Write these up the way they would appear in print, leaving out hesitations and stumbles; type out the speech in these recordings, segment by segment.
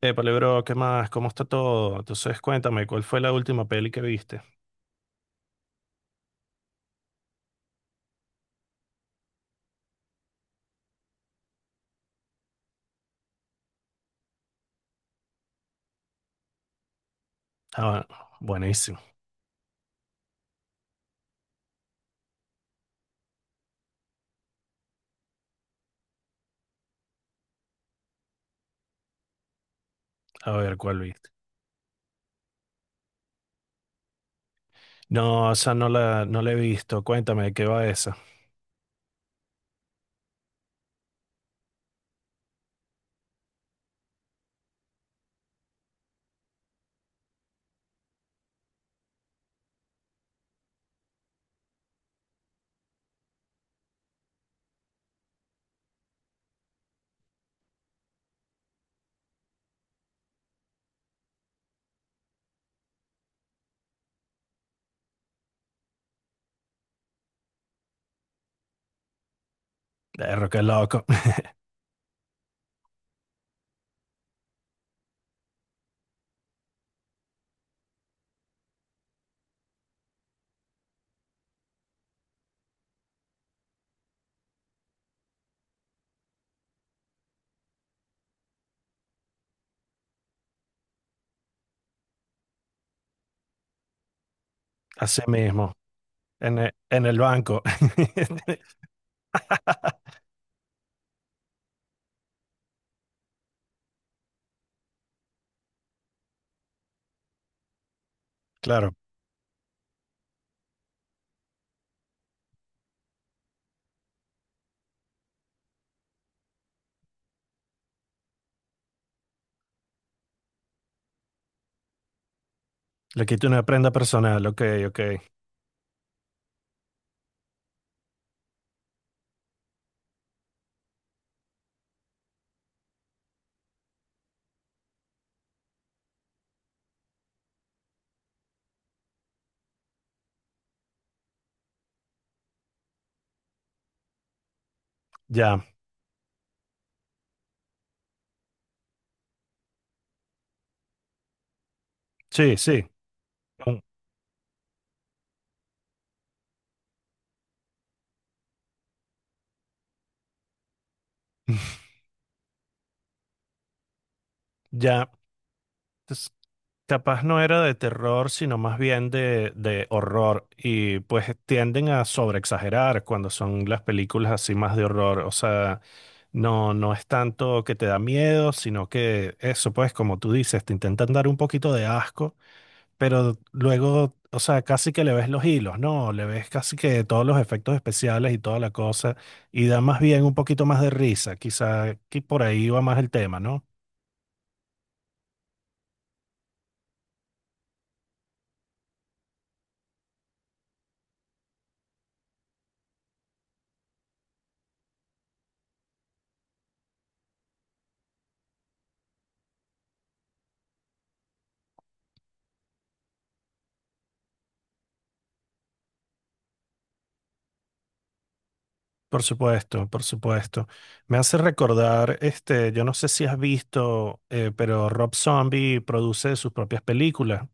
Bro, ¿qué más? ¿Cómo está todo? Entonces, cuéntame, ¿cuál fue la última peli que viste? Ah, bueno, buenísimo. A ver, ¿cuál viste? No, o sea, no la he visto. Cuéntame, ¿de qué va esa? Perro, qué loco. Así mismo, en el banco. Claro, le quito una prenda personal. Ok, ok. Ya. Sí, sí. Ya. Capaz no era de terror, sino más bien de horror. Y pues tienden a sobreexagerar cuando son las películas así más de horror. O sea, no es tanto que te da miedo, sino que eso, pues, como tú dices, te intentan dar un poquito de asco, pero luego, o sea, casi que le ves los hilos, ¿no? Le ves casi que todos los efectos especiales y toda la cosa. Y da más bien un poquito más de risa. Quizá que por ahí va más el tema, ¿no? Por supuesto, por supuesto. Me hace recordar, este, yo no sé si has visto, pero Rob Zombie produce sus propias películas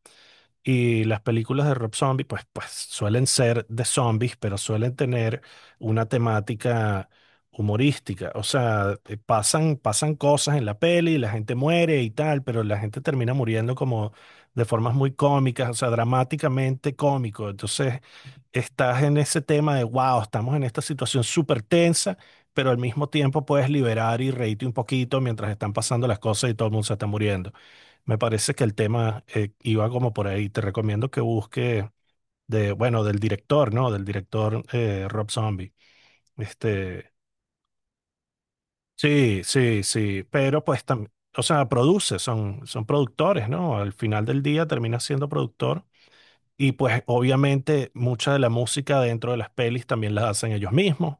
y las películas de Rob Zombie, pues, pues suelen ser de zombies, pero suelen tener una temática humorística. O sea, pasan cosas en la peli, la gente muere y tal, pero la gente termina muriendo como de formas muy cómicas, o sea, dramáticamente cómico. Entonces estás en ese tema de, wow, estamos en esta situación súper tensa, pero al mismo tiempo puedes liberar y reírte un poquito mientras están pasando las cosas y todo el mundo se está muriendo. Me parece que el tema iba como por ahí. Te recomiendo que busques de, bueno, del director, ¿no? Del director Rob Zombie. Este, sí, sí, sí, pero pues también, o sea, produce, son, son productores, ¿no? Al final del día termina siendo productor. Y pues obviamente mucha de la música dentro de las pelis también la hacen ellos mismos.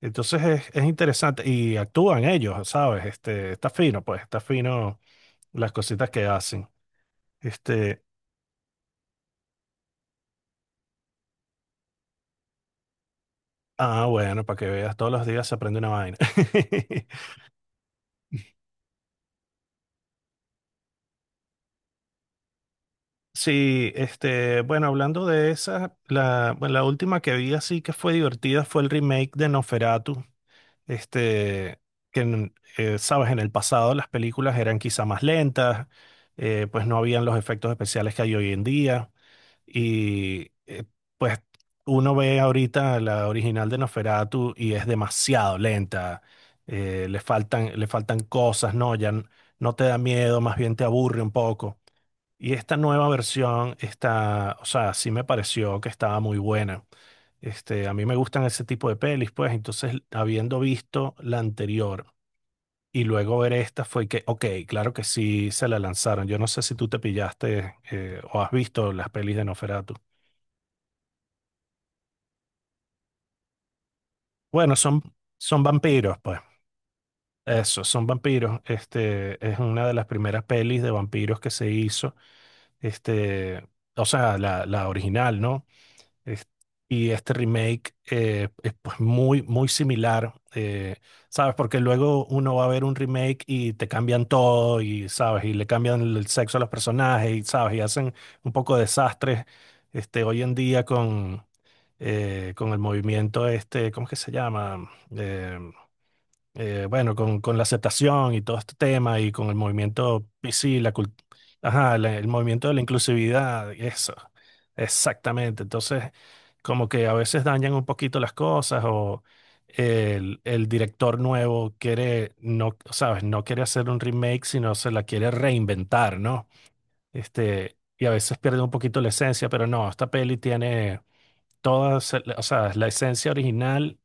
Entonces es interesante y actúan ellos, ¿sabes? Este, está fino, pues, está fino las cositas que hacen. Este, ah, bueno, para que veas, todos los días se aprende una vaina. Sí, este, bueno, hablando de esa, la, bueno, la última que vi así que fue divertida fue el remake de Noferatu. Este, sabes, en el pasado las películas eran quizá más lentas, pues no habían los efectos especiales que hay hoy en día. Y pues uno ve ahorita la original de Nosferatu y es demasiado lenta. Le faltan le faltan, cosas, ¿no? No te da miedo, más bien te aburre un poco. Y esta nueva versión está, o sea, sí me pareció que estaba muy buena. Este, a mí me gustan ese tipo de pelis, pues entonces habiendo visto la anterior y luego ver esta fue que, ok, claro que sí se la lanzaron. Yo no sé si tú te pillaste o has visto las pelis de Nosferatu. Bueno, son vampiros, pues. Eso, son vampiros. Este, es una de las primeras pelis de vampiros que se hizo. Este, o sea, la original, ¿no? Es- y este remake es pues muy, muy similar. ¿Sabes? Porque luego uno va a ver un remake y te cambian todo, y sabes, y le cambian el sexo a los personajes, y sabes, y hacen un poco de desastres. Este, hoy en día con el movimiento este, ¿cómo es que se llama? Eh, bueno, con la aceptación y todo este tema y con el movimiento PC, ajá, el movimiento de la inclusividad, y eso, exactamente. Entonces, como que a veces dañan un poquito las cosas o el director nuevo quiere, no, sabes, no quiere hacer un remake, sino se la quiere reinventar, ¿no? Este, y a veces pierde un poquito la esencia, pero no, esta peli tiene toda, o sea, la esencia original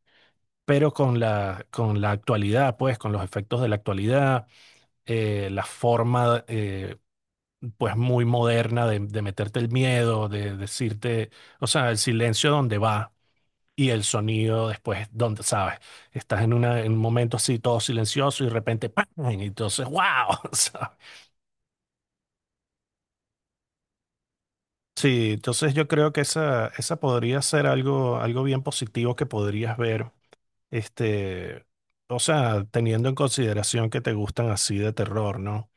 pero con la actualidad, pues, con los efectos de la actualidad, la forma, pues, muy moderna de meterte el miedo, de decirte, o sea, el silencio donde va y el sonido después, donde, ¿sabes? Estás en, una, en un momento así todo silencioso y de repente, ¡pam! Y entonces, ¡wow! ¿Sabes? Sí, entonces yo creo que esa podría ser algo, algo bien positivo que podrías ver, este, o sea, teniendo en consideración que te gustan así de terror, ¿no?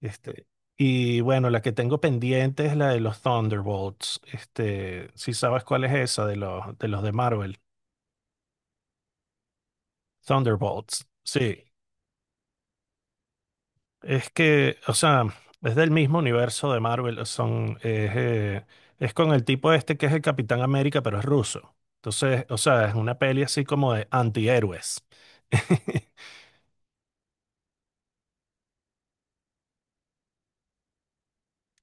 Este, y bueno, la que tengo pendiente es la de los Thunderbolts. Este, si sabes cuál es esa de los de Marvel. Thunderbolts. Sí. Es que, o sea, es del mismo universo de Marvel. Es con el tipo este que es el Capitán América, pero es ruso. Entonces, o sea, es una peli así como de antihéroes.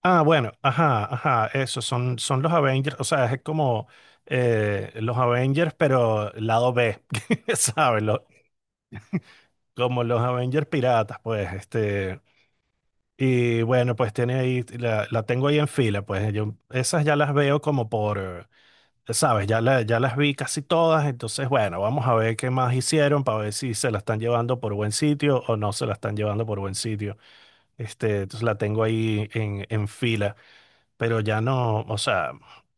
Ah, bueno, ajá, ajá, eso, son los Avengers, o sea, es como los Avengers, pero lado B, ¿sabes? Como los Avengers piratas, pues, este, y bueno, pues tiene ahí, la tengo ahí en fila, pues, yo esas ya las veo como por, ¿sabes? Ya las vi casi todas, entonces, bueno, vamos a ver qué más hicieron para ver si se la están llevando por buen sitio o no se la están llevando por buen sitio, este, entonces la tengo ahí en fila. Pero ya no, o sea,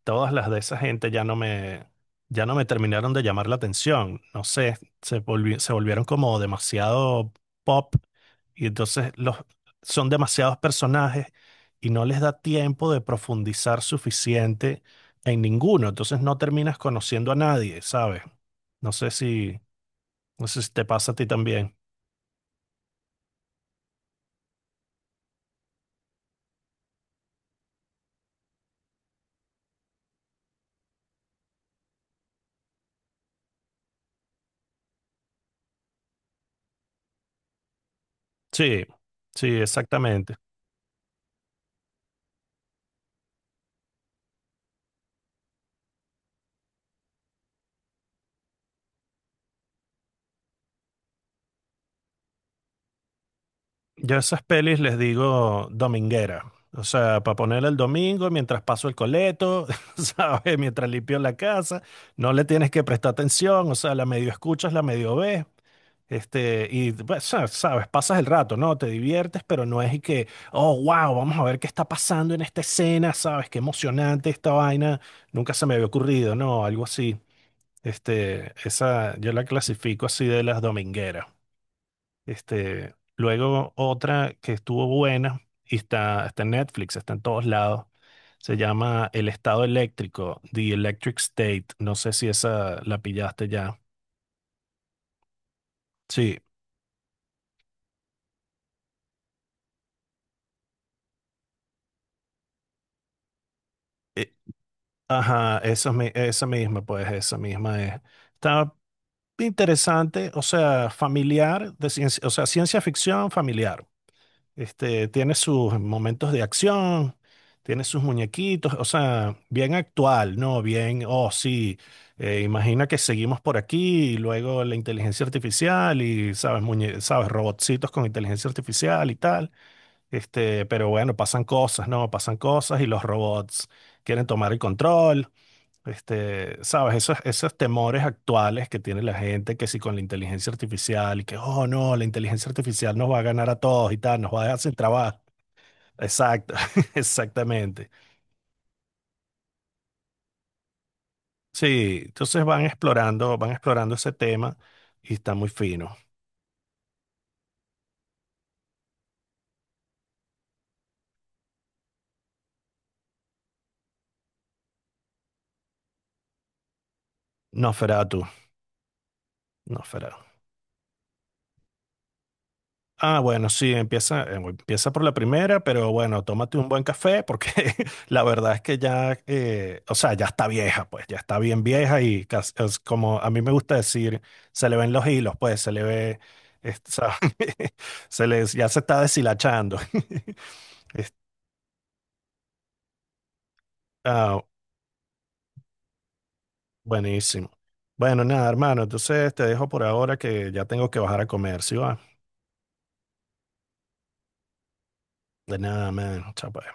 todas las de esa gente ya no me terminaron de llamar la atención. No sé, se volvieron como demasiado pop y entonces son demasiados personajes y no les da tiempo de profundizar suficiente en ninguno. Entonces no terminas conociendo a nadie, ¿sabes? No sé si, no sé si te pasa a ti también. Sí, sí, exactamente. Yo a esas pelis les digo dominguera. O sea, para ponerla el domingo mientras paso el coleto, ¿sabes? Mientras limpio la casa, no le tienes que prestar atención, o sea, la medio escuchas, la medio ves, este, y pues, sabes, pasas el rato, ¿no? Te diviertes, pero no es y que, oh, wow, vamos a ver qué está pasando en esta escena, ¿sabes? Qué emocionante esta vaina, nunca se me había ocurrido, ¿no? Algo así. Este, esa, yo la clasifico así de las domingueras. Este, luego otra que estuvo buena y está en Netflix, está en todos lados. Se llama El Estado Eléctrico, The Electric State. No sé si esa la pillaste ya. Sí, eh, esa misma, pues esa misma es. Está interesante, o sea, familiar, de ciencia, o sea, ciencia ficción familiar. Este, tiene sus momentos de acción, tiene sus muñequitos, o sea, bien actual, ¿no? Bien, oh, sí, imagina que seguimos por aquí y luego la inteligencia artificial y, ¿sabes? ¿Sabes? Robotcitos con inteligencia artificial y tal. Este, pero bueno, pasan cosas, ¿no? Pasan cosas y los robots quieren tomar el control. Este, sabes, esos temores actuales que tiene la gente, que si con la inteligencia artificial y que, oh no, la inteligencia artificial nos va a ganar a todos y tal, nos va a dejar sin trabajo. Exacto, exactamente. Sí, entonces van explorando ese tema y está muy fino. No Nosferatu. Ah, bueno, sí, empieza, empieza por la primera, pero bueno, tómate un buen café porque la verdad es que ya, o sea, ya está vieja, pues, ya está bien vieja y es como a mí me gusta decir, se le ven los hilos, pues, se le ve, o sea, se les, ya se está deshilachando. Es- Ah, buenísimo. Bueno, nada, hermano, entonces te dejo por ahora que ya tengo que bajar a comer, ¿sí va? De nada, man, chao. Pues.